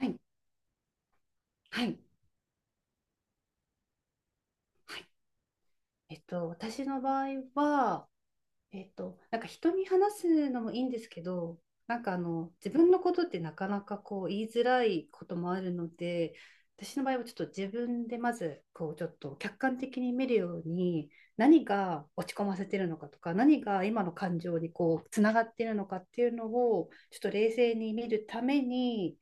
はい、はい、はい。私の場合は、人に話すのもいいんですけど、自分のことってなかなかこう言いづらいこともあるので、私の場合はちょっと自分でまずこうちょっと客観的に見るように、何が落ち込ませてるのかとか何が今の感情にこうつながってるのかっていうのをちょっと冷静に見るために、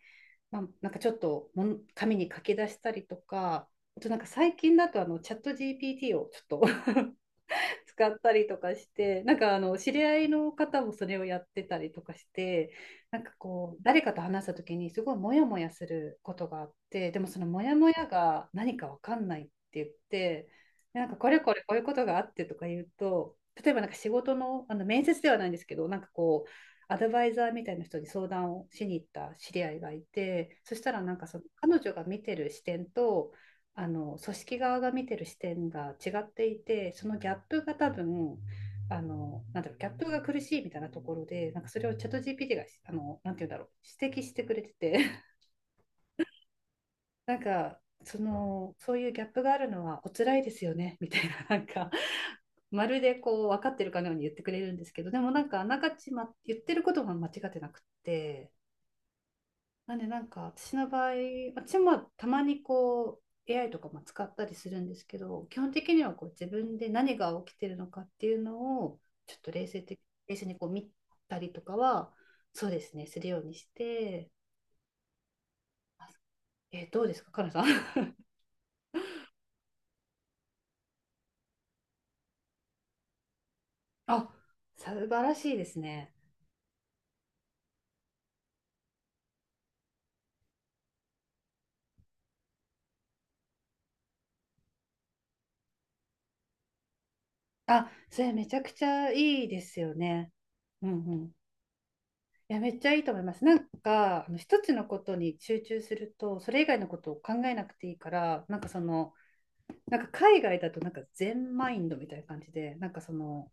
まあ、ちょっともん紙に書き出したりとか、あと最近だとチャット GPT をちょっと使ったりとかして、知り合いの方もそれをやってたりとかして、なんかこう誰かと話した時にすごいモヤモヤすることがあって、でもそのモヤモヤが何かわかんないって言って、でこれこれこういうことがあってとか言うと、例えば仕事の、あの面接ではないんですけど、なんかこうアドバイザーみたいな人に相談をしに行った知り合いがいて、そしたらなんかその彼女が見てる視点と、あの組織側が見てる視点が違っていて、そのギャップが多分、ギャップが苦しいみたいなところで、なんかそれをチャット GPT があのなんて言うんだろう指摘してくれてて、 なんかそのそういうギャップがあるのはお辛いですよねみたいなんかまるでこう分かってるかのように言ってくれるんですけど、でもなんかあながち、ま、言ってることが間違ってなくって、なんでなんか私の場合、私もたまにこう AI とかも使ったりするんですけど、基本的にはこう自分で何が起きてるのかっていうのをちょっと冷静にこう見たりとかは、そうですね、するようにして、あどうですか、かなさん。あ、素晴らしいですね。あ、それめちゃくちゃいいですよね。うんうん。いや、めっちゃいいと思います。なんか、あの一つのことに集中すると、それ以外のことを考えなくていいから、なんか海外だとなんか全マインドみたいな感じで、なんかその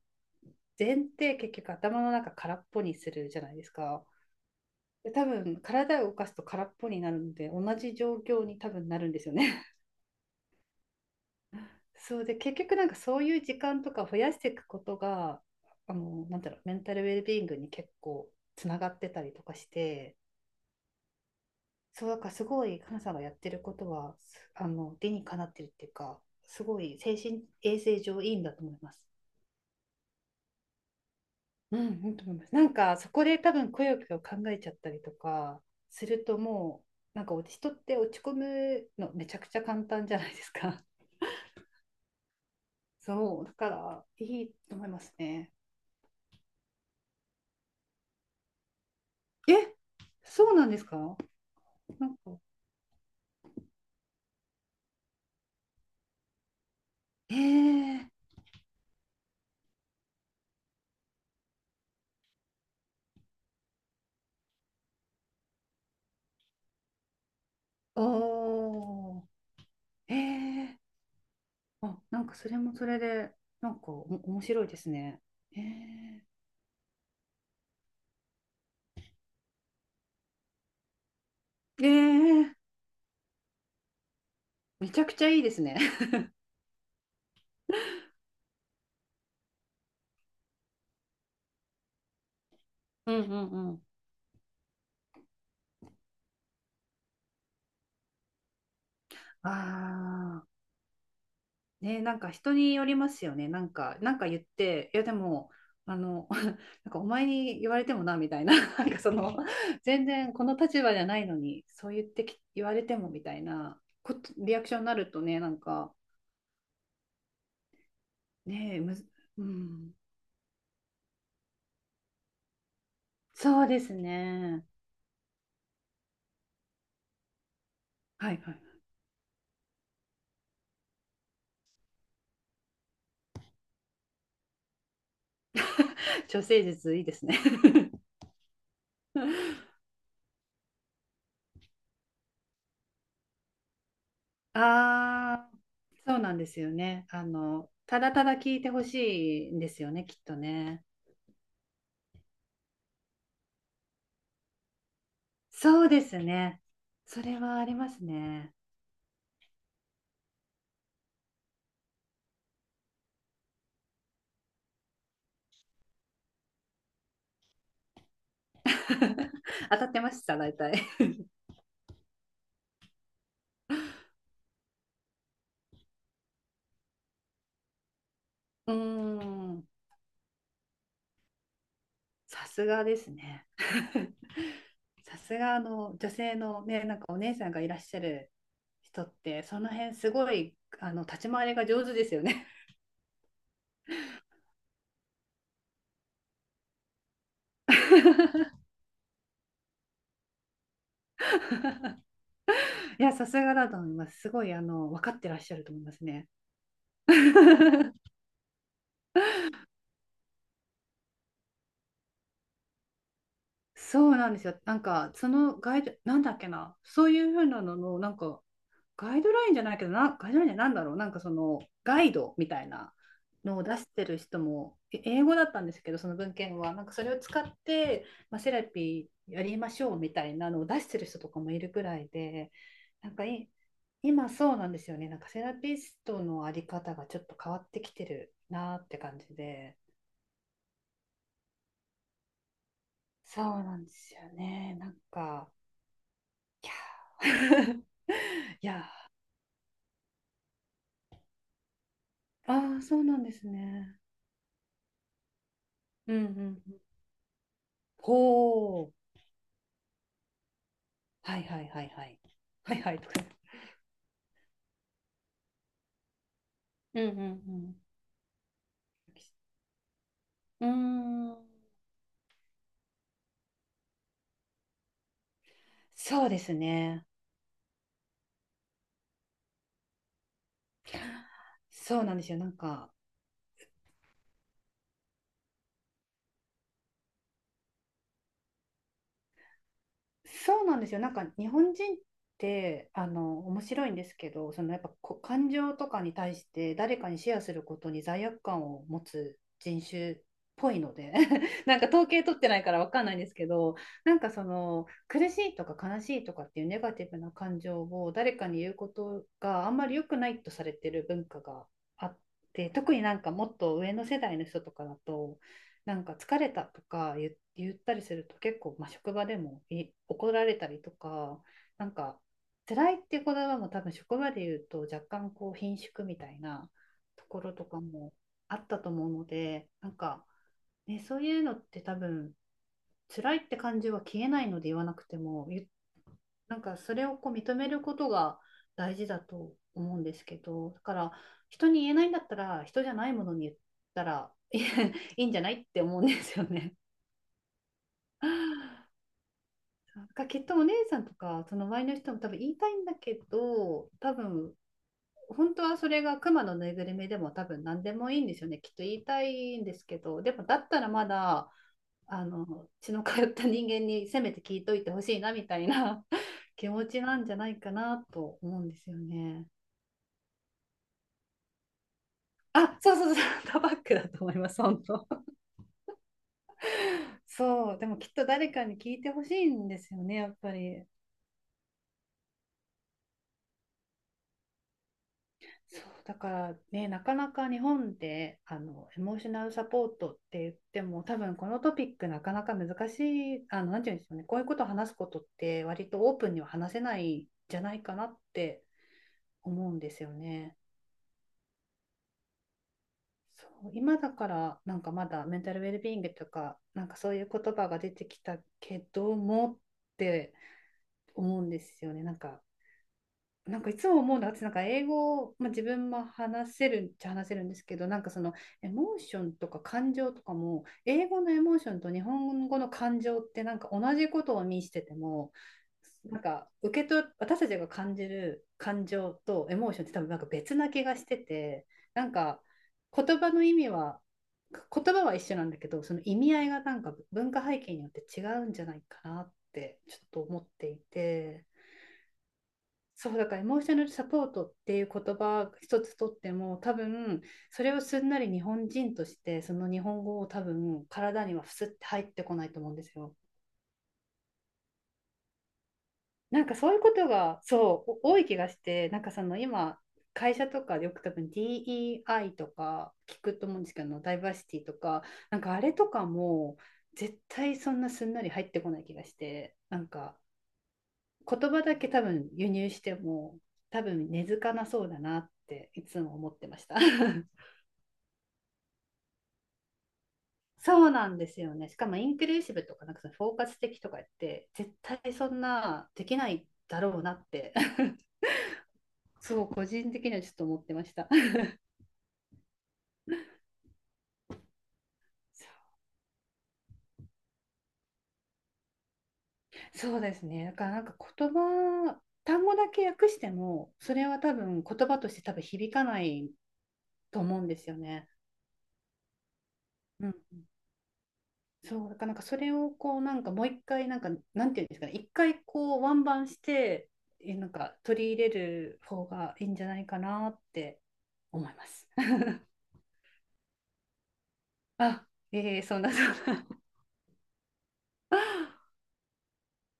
禅って結局頭の中空っぽにするじゃないですか。で多分体を動かすと空っぽになるので同じ状況に多分なるんですよね。そうで結局なんかそういう時間とか増やしていくことが、メンタルウェルビーイングに結構つながってたりとかして、そうだからすごいかさんがやってることは、あの理にかなってるっていうか、すごい精神衛生上いいんだと思います。うん、いいと思います。なんかそこで多分くよくよ考えちゃったりとかするともうなんか人って落ち込むのめちゃくちゃ簡単じゃないですか。そう、だからいいと思いますね。え、そうなんですか。なんか、えー、おー、えー、あ、なんかそれもそれでなんか面白いですね。えー、えー、めちゃくちゃいいですね。うんうんうん。ああ。ね、なんか人によりますよね。なんか、なんか言って、いやでも、あの、なんかお前に言われてもな、みたいな、なんかその、全然この立場じゃないのに、言われてもみたいなこと、リアクションになるとね、なんか、ねえ、むず、うん、そうですね。はいはい。女性術いいですね。ああ、そうなんですよね。あの、ただただ聞いてほしいんですよね、きっとね。そうですね。それはありますね。当たってました、大体。うーん、さすがですね。さすがあの女性のね、なんかお姉さんがいらっしゃる人って、その辺すごいあの立ち回りが上手ですよね。いや、さすがだと思います。すごいあの分かってらっしゃると思いますね。そうなんですよ。そのガイド、なんだっけな、そういうふうなのの、ガイドラインじゃないけどな、ガイドラインじゃなんだろう、なんかそのガイドみたいなのを出してる人も、英語だったんですけど、その文献は、なんかそれを使って、まあ、セラピーやりましょうみたいなのを出してる人とかもいるくらいで、なんかい今そうなんですよね、なんかセラピストのあり方がちょっと変わってきてるなって感じで、そうなんですよね、なんか、いや、いやあーそうなんですね。うんうんうん。ほう。はいはいはいはい。はいはいとか。うんうんうん。うーん。そうですね。そうなんですよ。なんか、そうなんですよ。なんか日本人ってあの面白いんですけど、そのやっぱこ感情とかに対して誰かにシェアすることに罪悪感を持つ人種っぽいので、なんか統計取ってないからわかんないんですけど、なんかその苦しいとか悲しいとかっていうネガティブな感情を誰かに言うことがあんまり良くないとされてる文化があって、特になんかもっと上の世代の人とかだと。なんか疲れたとか言ったりすると結構、まあ、職場でも怒られたりとか、なんか辛いっていう言葉も多分職場で言うと若干こう顰蹙みたいなところとかもあったと思うので、なんか、ね、そういうのって多分辛いって感じは消えないので言わなくても、なんかそれをこう認めることが大事だと思うんですけど、だから人に言えないんだったら人じゃないものに言ったらいいんじゃないって思うんですよね。なんかきっとお姉さんとかその周りの人も多分言いたいんだけど、多分本当はそれがクマのぬいぐるみでも多分何でもいいんですよね、きっと言いたいんですけど、でもだったらまだあの血の通った人間にせめて聞いといてほしいなみたいな、 気持ちなんじゃないかなと思うんですよね。あ、そうそうそう、タバックだと思います、本当。そう、でもきっと誰かに聞いてほしいんですよね、やっぱり。そうだからね、なかなか日本であのエモーショナルサポートって言っても、多分このトピックなかなか難しい、あの、なんていうんでしょうね、こういうことを話すことって割とオープンには話せないんじゃないかなって思うんですよね。そう、今だからなんかまだメンタルウェルビーイングとか、なんかそういう言葉が出てきたけどもって思うんですよね。なんかいつも思うのは、私なんか英語、まあ、自分も話せるっちゃ話せるんですけど、なんかそのエモーションとか感情とかも、英語のエモーションと日本語の感情ってなんか同じことを意味してても、なんか受け取、私たちが感じる感情とエモーションって多分なんか別な気がしてて、なんか言葉の意味は、言葉は一緒なんだけど、その意味合いがなんか文化背景によって違うんじゃないかなってちょっと思っていて。そうだからエモーショナルサポートっていう言葉一つとっても、多分それをすんなり日本人としてその日本語を多分体にはふすって入ってこないと思うんですよ。なんかそういうことがそう多い気がして、なんかその今会社とかでよく多分 DEI とか聞くと思うんですけど、ダイバーシティとか、なんかあれとかも絶対そんなすんなり入ってこない気がして、なんか言葉だけ多分輸入しても多分根付かなそうだなっていつも思ってました。 そうなんですよね。しかもインクルーシブとかなんかその包括的とか言って絶対そんなできないだろうなって、 そう個人的にはちょっと思ってました。 そうですね。だからなんか言葉単語だけ訳してもそれは多分言葉として多分響かないと思うんですよね。うん、そう、だからなんかそれをこうなんかもう一回なんかなんていうんですかね、一回こうワンバンしてえなんか取り入れる方がいいんじゃないかなって思います。あ、えー、そんなそんな。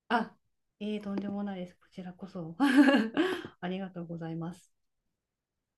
あ、えー、とんでもないです。こちらこそ。ありがとうございます。